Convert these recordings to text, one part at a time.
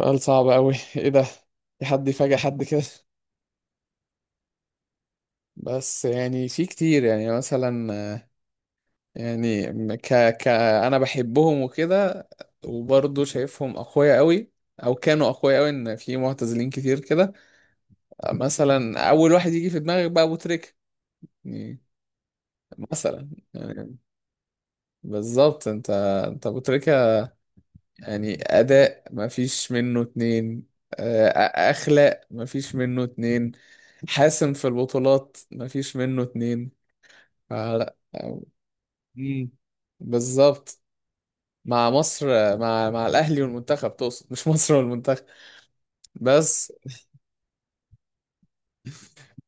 سؤال صعب أوي إيه ده؟ في حد يفاجئ حد كده؟ بس يعني في كتير، يعني مثلا، يعني ك ك أنا بحبهم وكده، وبرضه شايفهم أقوياء أوي، أو كانوا أقوياء أوي، إن في معتزلين كتير كده. مثلا أول واحد يجي في دماغك بقى أبو تريكة، يعني مثلا، يعني بالظبط. أنت أبو تريكة، يعني أداء مفيش منه اتنين، آه، أخلاق مفيش منه اتنين، حاسم في البطولات مفيش منه اتنين. فلا مم. بالظبط، مع مصر، مع الأهلي والمنتخب تقصد، مش مصر والمنتخب. بس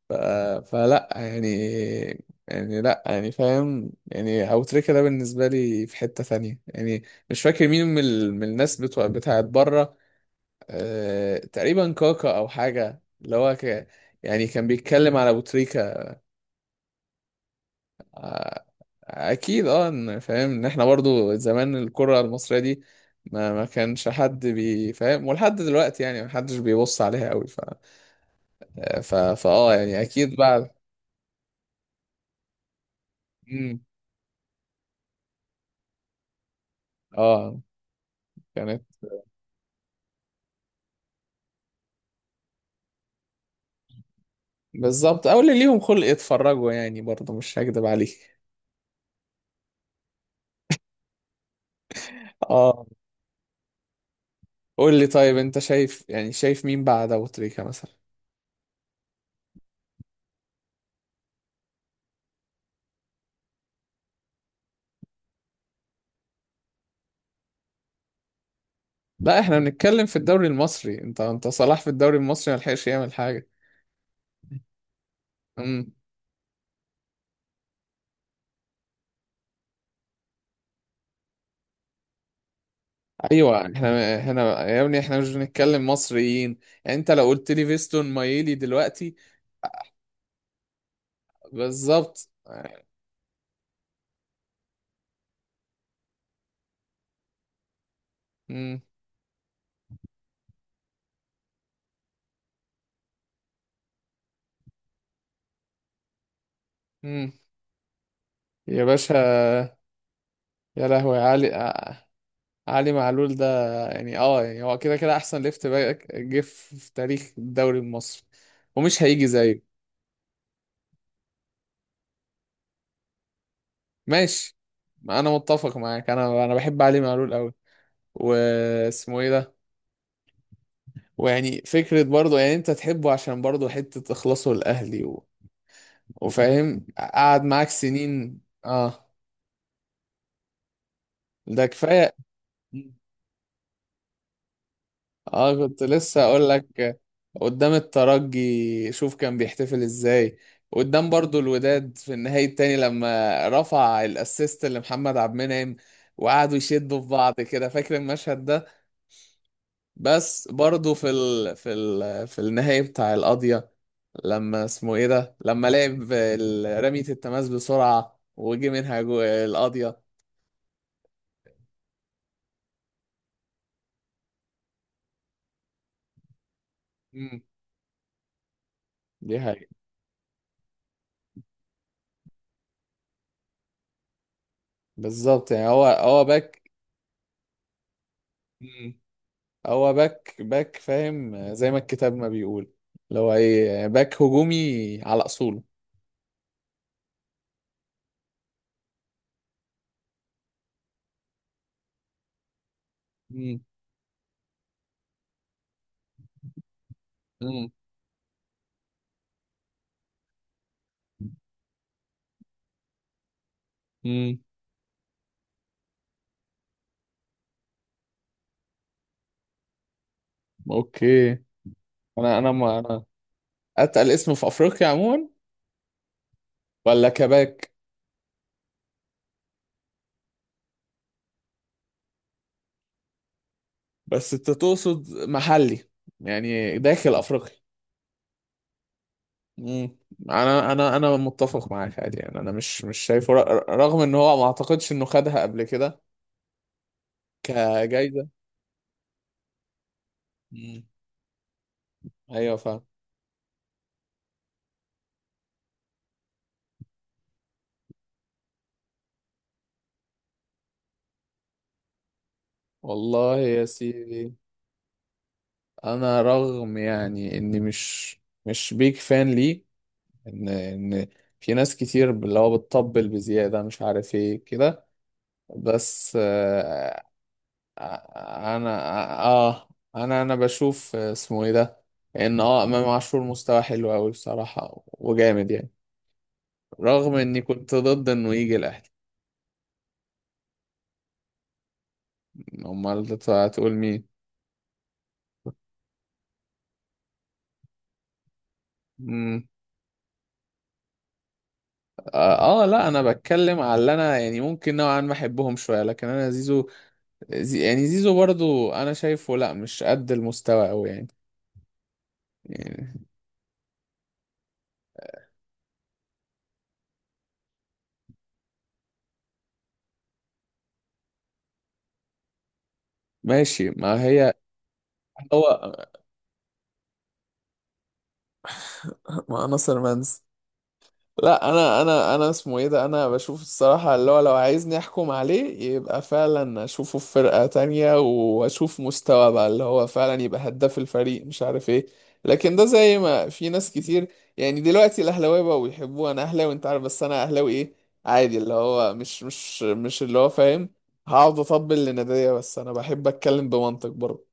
ف... فلا يعني لا يعني فاهم، يعني أبو تريكة ده بالنسبة لي في حتة ثانية يعني. مش فاكر مين من الناس بتوع بتاعت بره. تقريبا كاكا او حاجه، اللي هو يعني كان بيتكلم على ابو تريكه. اكيد اه، فاهم ان احنا برضو زمان الكره المصريه دي ما كانش حد بيفهم، ولحد دلوقتي يعني ما حدش بيبص عليها قوي. ف ف فاه يعني اكيد بعد. امم اه كانت. بالظبط، او اللي ليهم خلق يتفرجوا يعني، برضو مش هكدب عليك. اه. قول لي طيب، انت شايف، يعني شايف مين بعد ابو تريكه مثلا؟ لا احنا بنتكلم في الدوري المصري، انت صلاح في الدوري المصري ما لحقش يعمل حاجه. امم ايوه، احنا هنا يا ابني احنا مش بنتكلم مصريين، يعني انت لو قلت لي فيستون مايلي دلوقتي. بالظبط. امم امم يا باشا. يا لهوي، علي معلول ده، يعني اه يعني هو كده كده احسن ليفت باك جه في تاريخ الدوري المصري، ومش هيجي زيه. ماشي، انا متفق معاك، انا بحب علي معلول قوي. واسمه ايه ده؟ ويعني فكرة برضه، يعني انت تحبه عشان برضه حتة تخلصه لأهلي وفاهم قعد معاك سنين، اه، ده كفاية. اه، كنت لسه اقول لك، قدام الترجي شوف كان بيحتفل ازاي، قدام برضه الوداد في النهائي التاني لما رفع الاسيست لمحمد عبد المنعم، وقعدوا يشدوا في بعض كده، فاكر المشهد ده؟ بس برضه في في النهائي بتاع القضية لما اسمه ايه ده، لما لعب رمية التماس بسرعة، وجي منها القاضية. مم. دي حقيقة. بالظبط، يعني هو هو باك. مم. هو باك باك، فاهم، زي ما الكتاب ما بيقول، اللي هو ايه، باك هجومي على اصوله. مم. مم. امم اوكي، انا انا ما انا اتقل اسم في افريقيا عموما ولا كباك؟ بس انت تقصد محلي، يعني داخل افريقيا. مم. انا متفق معاك عادي، يعني انا مش شايفه، رغم ان هو ما اعتقدش انه خدها قبل كده كجايزه. مم. ايوه فاهم. والله يا سيدي، انا رغم يعني اني مش مش بيك فان ليه، ان في ناس كتير اللي هو بتطبل بزياده، مش عارف ايه كده. بس آه آه، انا اه آه، انا بشوف، اسمه ايه ده، ان اه امام عاشور مستوى حلو قوي بصراحه وجامد يعني، رغم اني كنت ضد انه يجي الاهلي. امال هتقول مين؟ مم. لا انا بتكلم على اللي انا يعني ممكن نوعا ما احبهم شويه، لكن انا زيزو، زي يعني زيزو برضو انا شايفه لا مش قد المستوى قوي يعني. يعني ماشي، ما هي هو مع ناصر منسي. لا انا اسمه ايه ده، انا بشوف الصراحة اللي هو لو عايزني احكم عليه يبقى فعلا اشوفه في فرقة تانية، واشوف مستوى بقى اللي هو فعلا يبقى هداف الفريق، مش عارف ايه. لكن ده زي ما في ناس كتير، يعني دلوقتي الاهلاويه بقوا يحبوه. انا اهلاوي، انت عارف، بس انا اهلاوي ايه، عادي، اللي هو مش اللي هو فاهم هقعد اطبل لنادية، بس انا بحب اتكلم بمنطق برضه.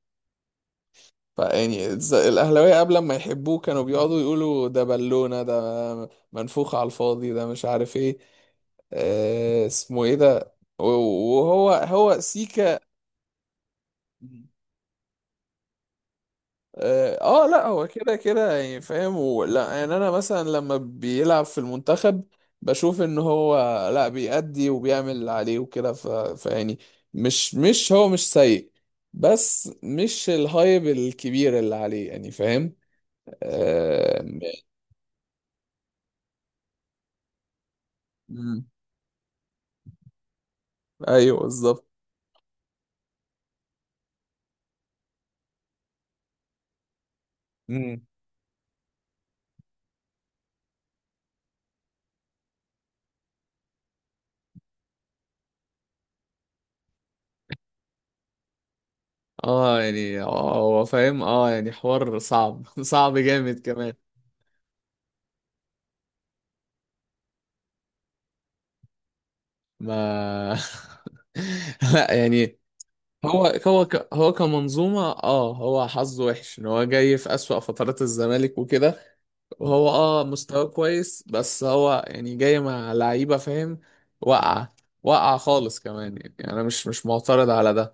فيعني الأهلاوية قبل ما يحبوه كانوا بيقعدوا يقولوا ده بالونة، ده منفوخ على الفاضي، ده مش عارف ايه. آه اسمه ايه ده، و- وهو هو سيكا. لا هو كده كده يعني فاهم، ولا يعني انا مثلا لما بيلعب في المنتخب بشوف ان هو لا بيأدي وبيعمل اللي عليه وكده. فيعني مش مش هو مش سيء، بس مش الهايب الكبير اللي عليه يعني، فاهم. آه. مم. ايوه بالظبط. امم اه يعني هو فاهم، يعني حوار صعب صعب جامد كمان. ما لا يعني هو كمنظومة اه، هو حظه وحش ان هو جاي في أسوأ فترات الزمالك وكده، وهو اه مستواه كويس، بس هو يعني جاي مع لعيبة فاهم، واقعة، واقعة خالص كمان يعني، انا مش مش معترض على ده،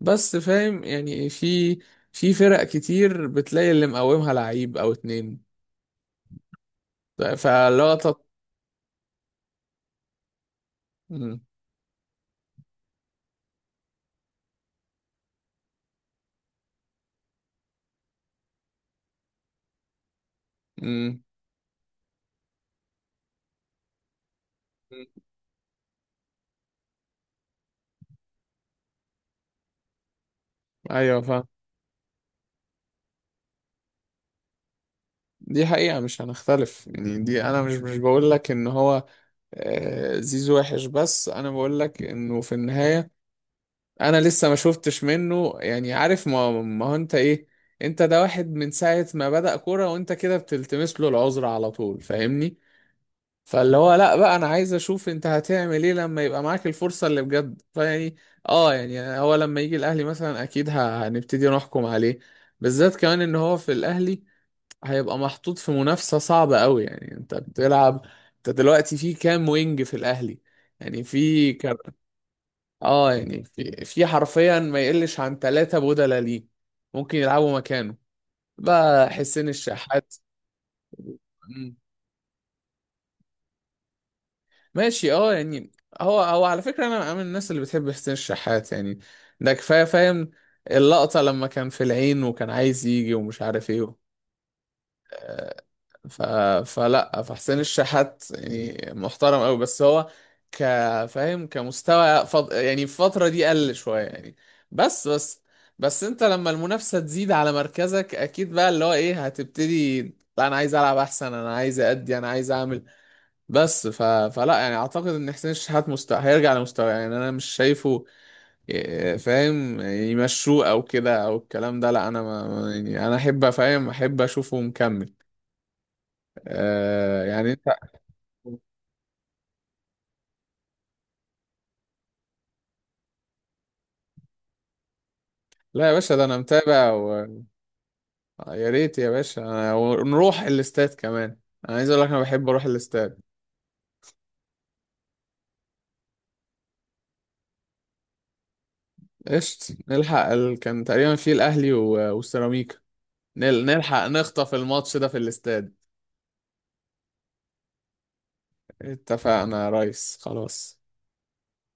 بس فاهم يعني في في فرق كتير بتلاقي اللي مقومها لعيب او اتنين، فلقطة. مم. مم. ايوه فاهم، دي حقيقة، مش هنختلف يعني، دي انا مش مش بقول لك ان هو آه، زيزو وحش، بس انا بقول لك انه في النهاية انا لسه ما شفتش منه يعني عارف، ما هو انت ايه، انت ده واحد من ساعة ما بدأ كورة وانت كده بتلتمس له العذر على طول، فاهمني؟ فاللي هو لا بقى، انا عايز اشوف انت هتعمل ايه لما يبقى معاك الفرصة اللي بجد، فيعني اه يعني هو لما يجي الاهلي مثلا اكيد هنبتدي نحكم عليه، بالذات كمان ان هو في الاهلي هيبقى محطوط في منافسة صعبة قوي يعني، انت بتلعب، انت دلوقتي في كام وينج في الاهلي؟ يعني في اه يعني في في حرفيا ما يقلش عن ثلاثة بدلة ليه ممكن يلعبوا مكانه بقى حسين الشحات. ماشي، اه يعني هو هو على فكرة انا أنا من الناس اللي بتحب حسين الشحات، يعني ده كفاية، فاهم، اللقطة لما كان في العين وكان عايز يجي، ومش عارف ايه. آه. ف... فلا، فحسين الشحات يعني محترم قوي، بس هو كفاهم كمستوى يعني في الفترة دي قل شوية يعني. بس بس بس انت لما المنافسة تزيد على مركزك اكيد بقى اللي هو ايه هتبتدي، لا انا عايز العب احسن، انا عايز ادي، انا عايز اعمل. بس فلا يعني اعتقد ان حسين الشحات هيرجع لمستوى، يعني انا مش شايفه فاهم يمشوه او كده او الكلام ده، لا انا يعني انا احب فاهم احب اشوفه مكمل. آه يعني انت، لا يا باشا ده انا متابع يا ريت يا باشا، ونروح الاستاد كمان، انا عايز اقول لك انا بحب اروح الاستاد. قشط نلحق كان تقريبا فيه الاهلي والسيراميكا، نلحق نخطف الماتش ده في الاستاد. اتفقنا يا ريس خلاص.